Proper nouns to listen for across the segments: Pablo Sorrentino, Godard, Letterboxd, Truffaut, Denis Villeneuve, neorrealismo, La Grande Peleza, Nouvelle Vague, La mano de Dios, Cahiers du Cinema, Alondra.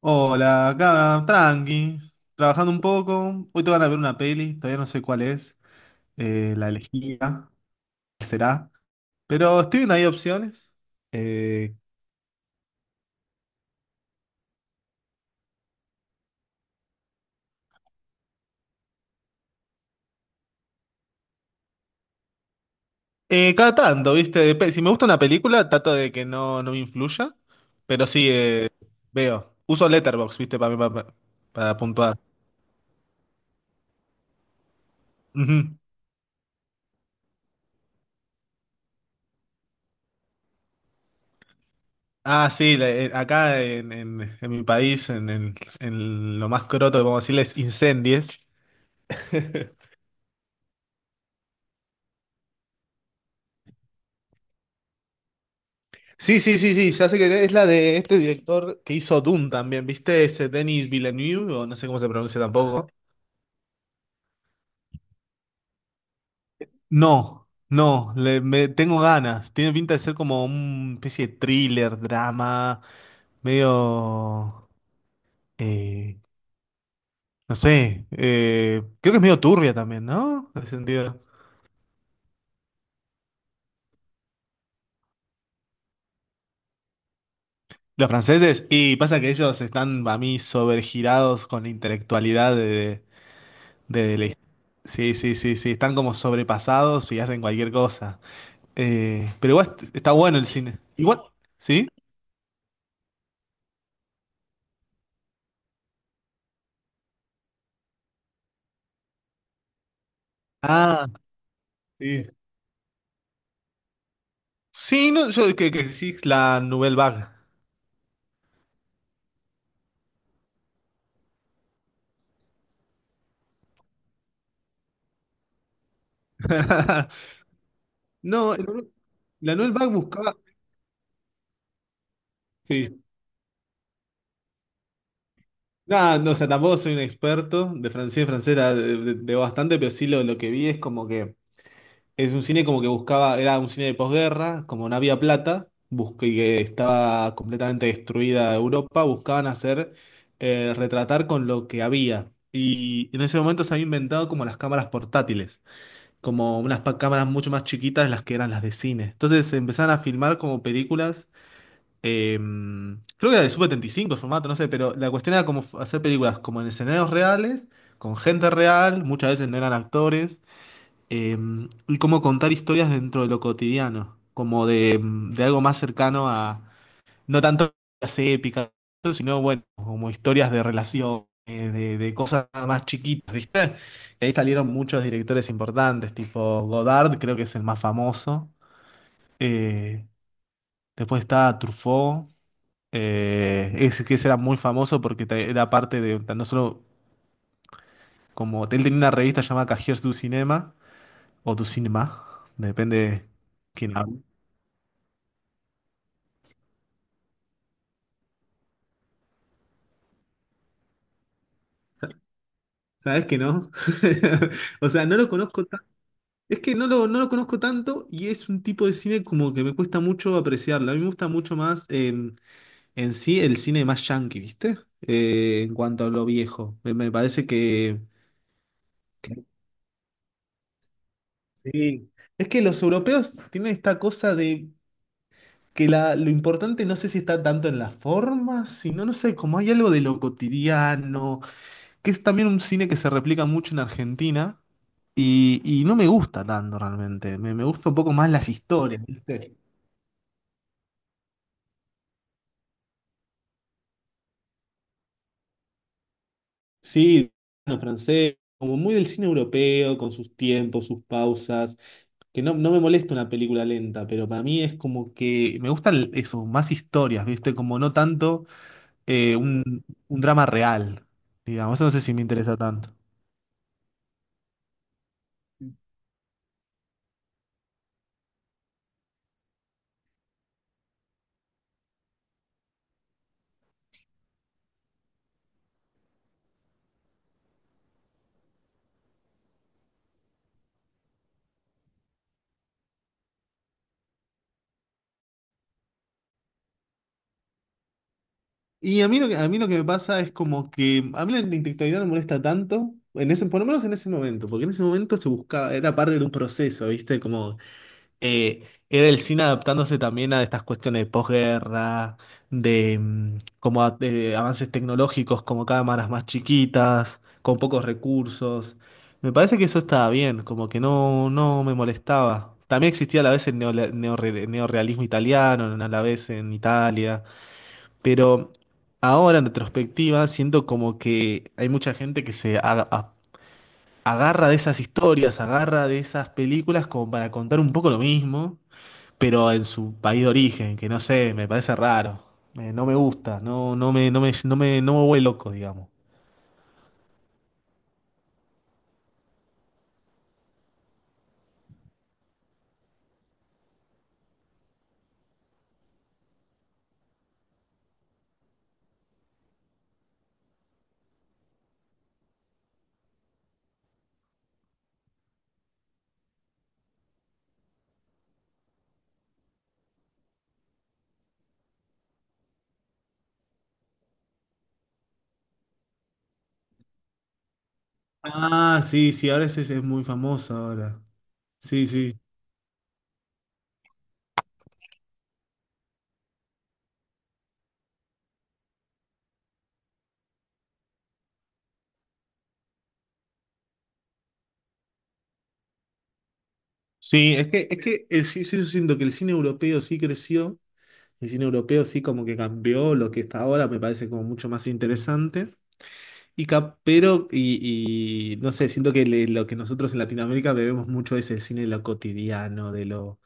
Hola, acá, tranqui, trabajando un poco. Hoy te van a ver una peli, todavía no sé cuál es, la elegida, cuál será. Pero estoy viendo ahí opciones. Eh, cada tanto, ¿viste? Si me gusta una película, trato de que no me influya. Pero sí, veo. Uso Letterboxd, ¿viste? Para mí, para puntuar. Ujú. Ah, sí, acá en mi país, en lo más croto que podemos decirles, incendies. Sí, ya sé que es la de este director que hizo Dune también, ¿viste? Ese Denis Villeneuve, o no sé cómo se pronuncia tampoco. No, no, le, me, Tengo ganas. Tiene pinta de ser como una especie de thriller, drama, medio... eh, no sé, creo que es medio turbia también, ¿no? En ese sentido. Los franceses, y pasa que ellos están, para mí, sobregirados con la intelectualidad de la... Sí, están como sobrepasados y hacen cualquier cosa. Pero igual está bueno el cine. Igual, ¿sí? Ah, sí. Sí, no, que sí, la Nouvelle Vague. No, el- la Nouvelle Vague buscaba. Sí. Nada, no, o sea, tampoco soy un experto de francés, francés la- de bastante, pero sí lo que vi es como que es un cine como que buscaba, era un cine de posguerra, como no había plata, y que estaba completamente destruida Europa, buscaban hacer, retratar con lo que había. Y en ese momento se había inventado como las cámaras portátiles, como cámaras mucho más chiquitas de las que eran las de cine. Entonces se empezaron a filmar como películas, eh, creo que era de Sub-75 el formato, no sé, pero la cuestión era como hacer películas como en escenarios reales, con gente real, muchas veces no eran actores, eh, y cómo contar historias dentro de lo cotidiano, como de algo más cercano a, no tanto las épicas, sino bueno, como historias de relación, de cosas más chiquitas, ¿viste? Y ahí salieron muchos directores importantes, tipo Godard, creo que es el más famoso. eh, Después está Truffaut, ese que ese era muy famoso porque era parte de, no solo como, él tenía una revista llamada Cahiers du Cinema, o du Cinema, depende quién hable. Sa- ¿Sabes que no? O sea, no lo conozco tan... Es que no no lo conozco tanto y es un tipo de cine como que me cuesta mucho apreciarlo. A mí me gusta mucho más, en sí el cine más yankee, ¿viste? En cuanto a lo viejo. Me parece que sí. Es que los europeos tienen esta cosa de que lo importante no sé si está tanto en las formas, sino, no sé, como hay algo de lo cotidiano, que es también un cine que se replica mucho en Argentina y no me gusta tanto realmente. Me gusta un poco más las historias, ¿viste? Sí, bueno, francés, como muy del cine europeo, con sus tiempos, sus pausas, que no me molesta una película lenta, pero para mí es como que me gustan eso, más historias, ¿viste? Como no tanto un drama real, digamos. Eso no sé si me interesa tanto. Y a mí lo que me pasa es como que a mí la intelectualidad no me molesta tanto, en ese, por lo menos en ese momento, porque en ese momento se buscaba, era parte de un proceso, ¿viste? Como era el cine adaptándose también a estas cuestiones de posguerra, como de avances tecnológicos, como cámaras más chiquitas, con pocos recursos. Me parece que eso estaba bien, como que no me molestaba. También existía a la vez el neorrealismo italiano, a la vez en Italia. Pero ahora en retrospectiva siento como que hay mucha gente que agarra de esas historias, agarra de esas películas como para contar un poco lo mismo, pero en su país de origen, que no sé, me parece raro. No me gusta, no me vuelve loco, digamos. Ah, sí, sí, ahora ese es muy famoso ahora. Sí, sí. Sí, es que, sí, sí, yo siento que el cine europeo sí creció, el cine europeo sí como que cambió lo que está ahora, me parece como mucho más interesante. Y no sé, siento que lo que nosotros en Latinoamérica bebemos mucho es el cine de lo cotidiano,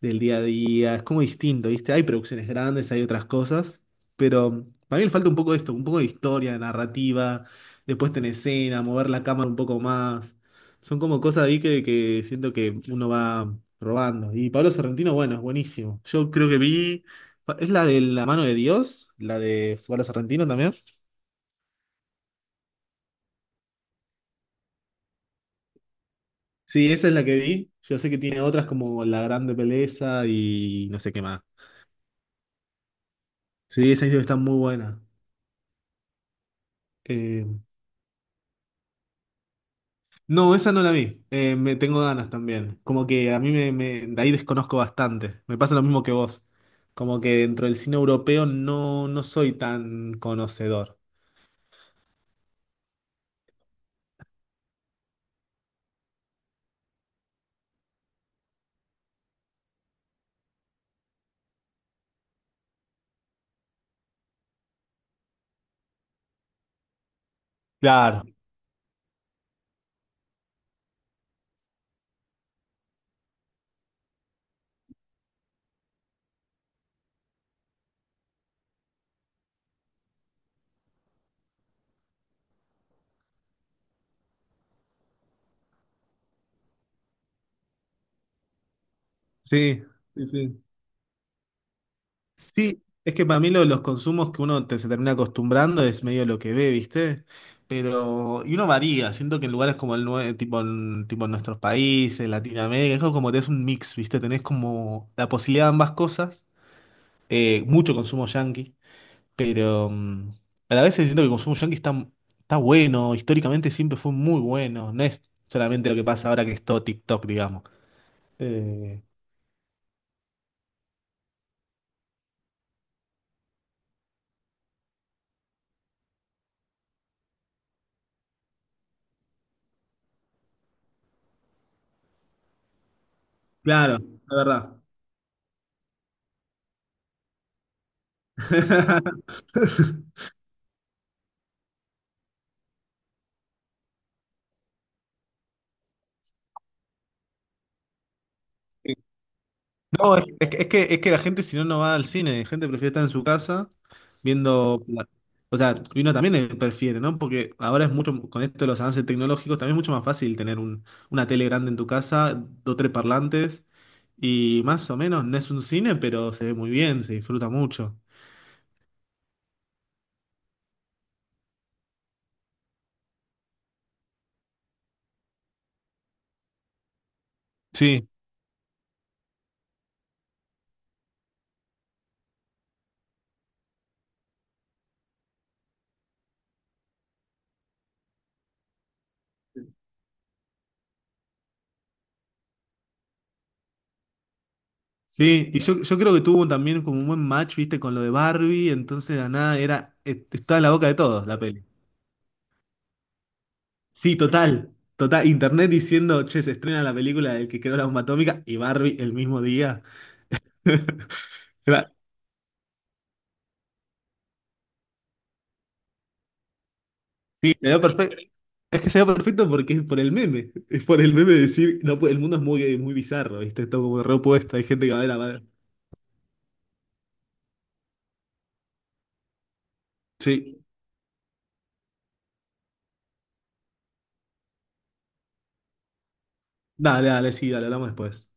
del día a día. Es como distinto, ¿viste? Hay producciones grandes, hay otras cosas, pero para mí le falta un poco de esto, un poco de historia, de narrativa, de puesta en escena, mover la cámara un poco más. Son como cosas ahí que siento que uno va robando. Y Pablo Sorrentino, bueno, es buenísimo. Yo creo que vi. ¿Es la de La mano de Dios? ¿La de Pablo Sorrentino también? Sí, esa es la que vi. Yo sé que tiene otras como La Grande Peleza y no sé qué más. Sí, esa está muy buena. Eh, no, esa no la vi. Me tengo ganas también. Como que a mí de ahí desconozco bastante. Me pasa lo mismo que vos. Como que dentro del cine europeo no soy tan conocedor. Claro. Sí, sí, sí. Sí, es que para mí lo de los consumos que se termina acostumbrando es medio lo que ve, ¿viste? Pero, y uno varía, siento que en lugares como tipo tipo en nuestros países, Latinoamérica, es como tenés un mix, ¿viste? Tenés como la posibilidad de ambas cosas, mucho consumo yanqui, pero a la vez siento que el consumo yanqui está, está bueno, históricamente siempre fue muy bueno, no es solamente lo que pasa ahora que es todo TikTok, digamos. Eh, claro, la verdad. No, es, es que es que la gente si no no va al cine, la gente prefiere estar en su casa viendo. O sea, y uno también le prefiere, ¿no? Porque ahora es mucho, con esto de los avances tecnológicos, también es mucho más fácil tener una tele grande en tu casa, dos, tres parlantes, y más o menos no es un cine, pero se ve muy bien, se disfruta mucho. Sí, sí, yo creo que tuvo también como un buen match, viste, con lo de Barbie, entonces de la nada era, estaba en la boca de todos la peli. Sí, total, total. Internet diciendo, che, se estrena la película del que quedó la bomba atómica y Barbie el mismo día. Era- Sí, se dio perfecto. Es que se dio perfecto porque es por el meme. Es por el meme de decir, no, el mundo es muy, muy bizarro, ¿viste? Está como reopuesto, hay gente que va a ver a ver. Sí, dale, dale, sí, dale, hablamos después.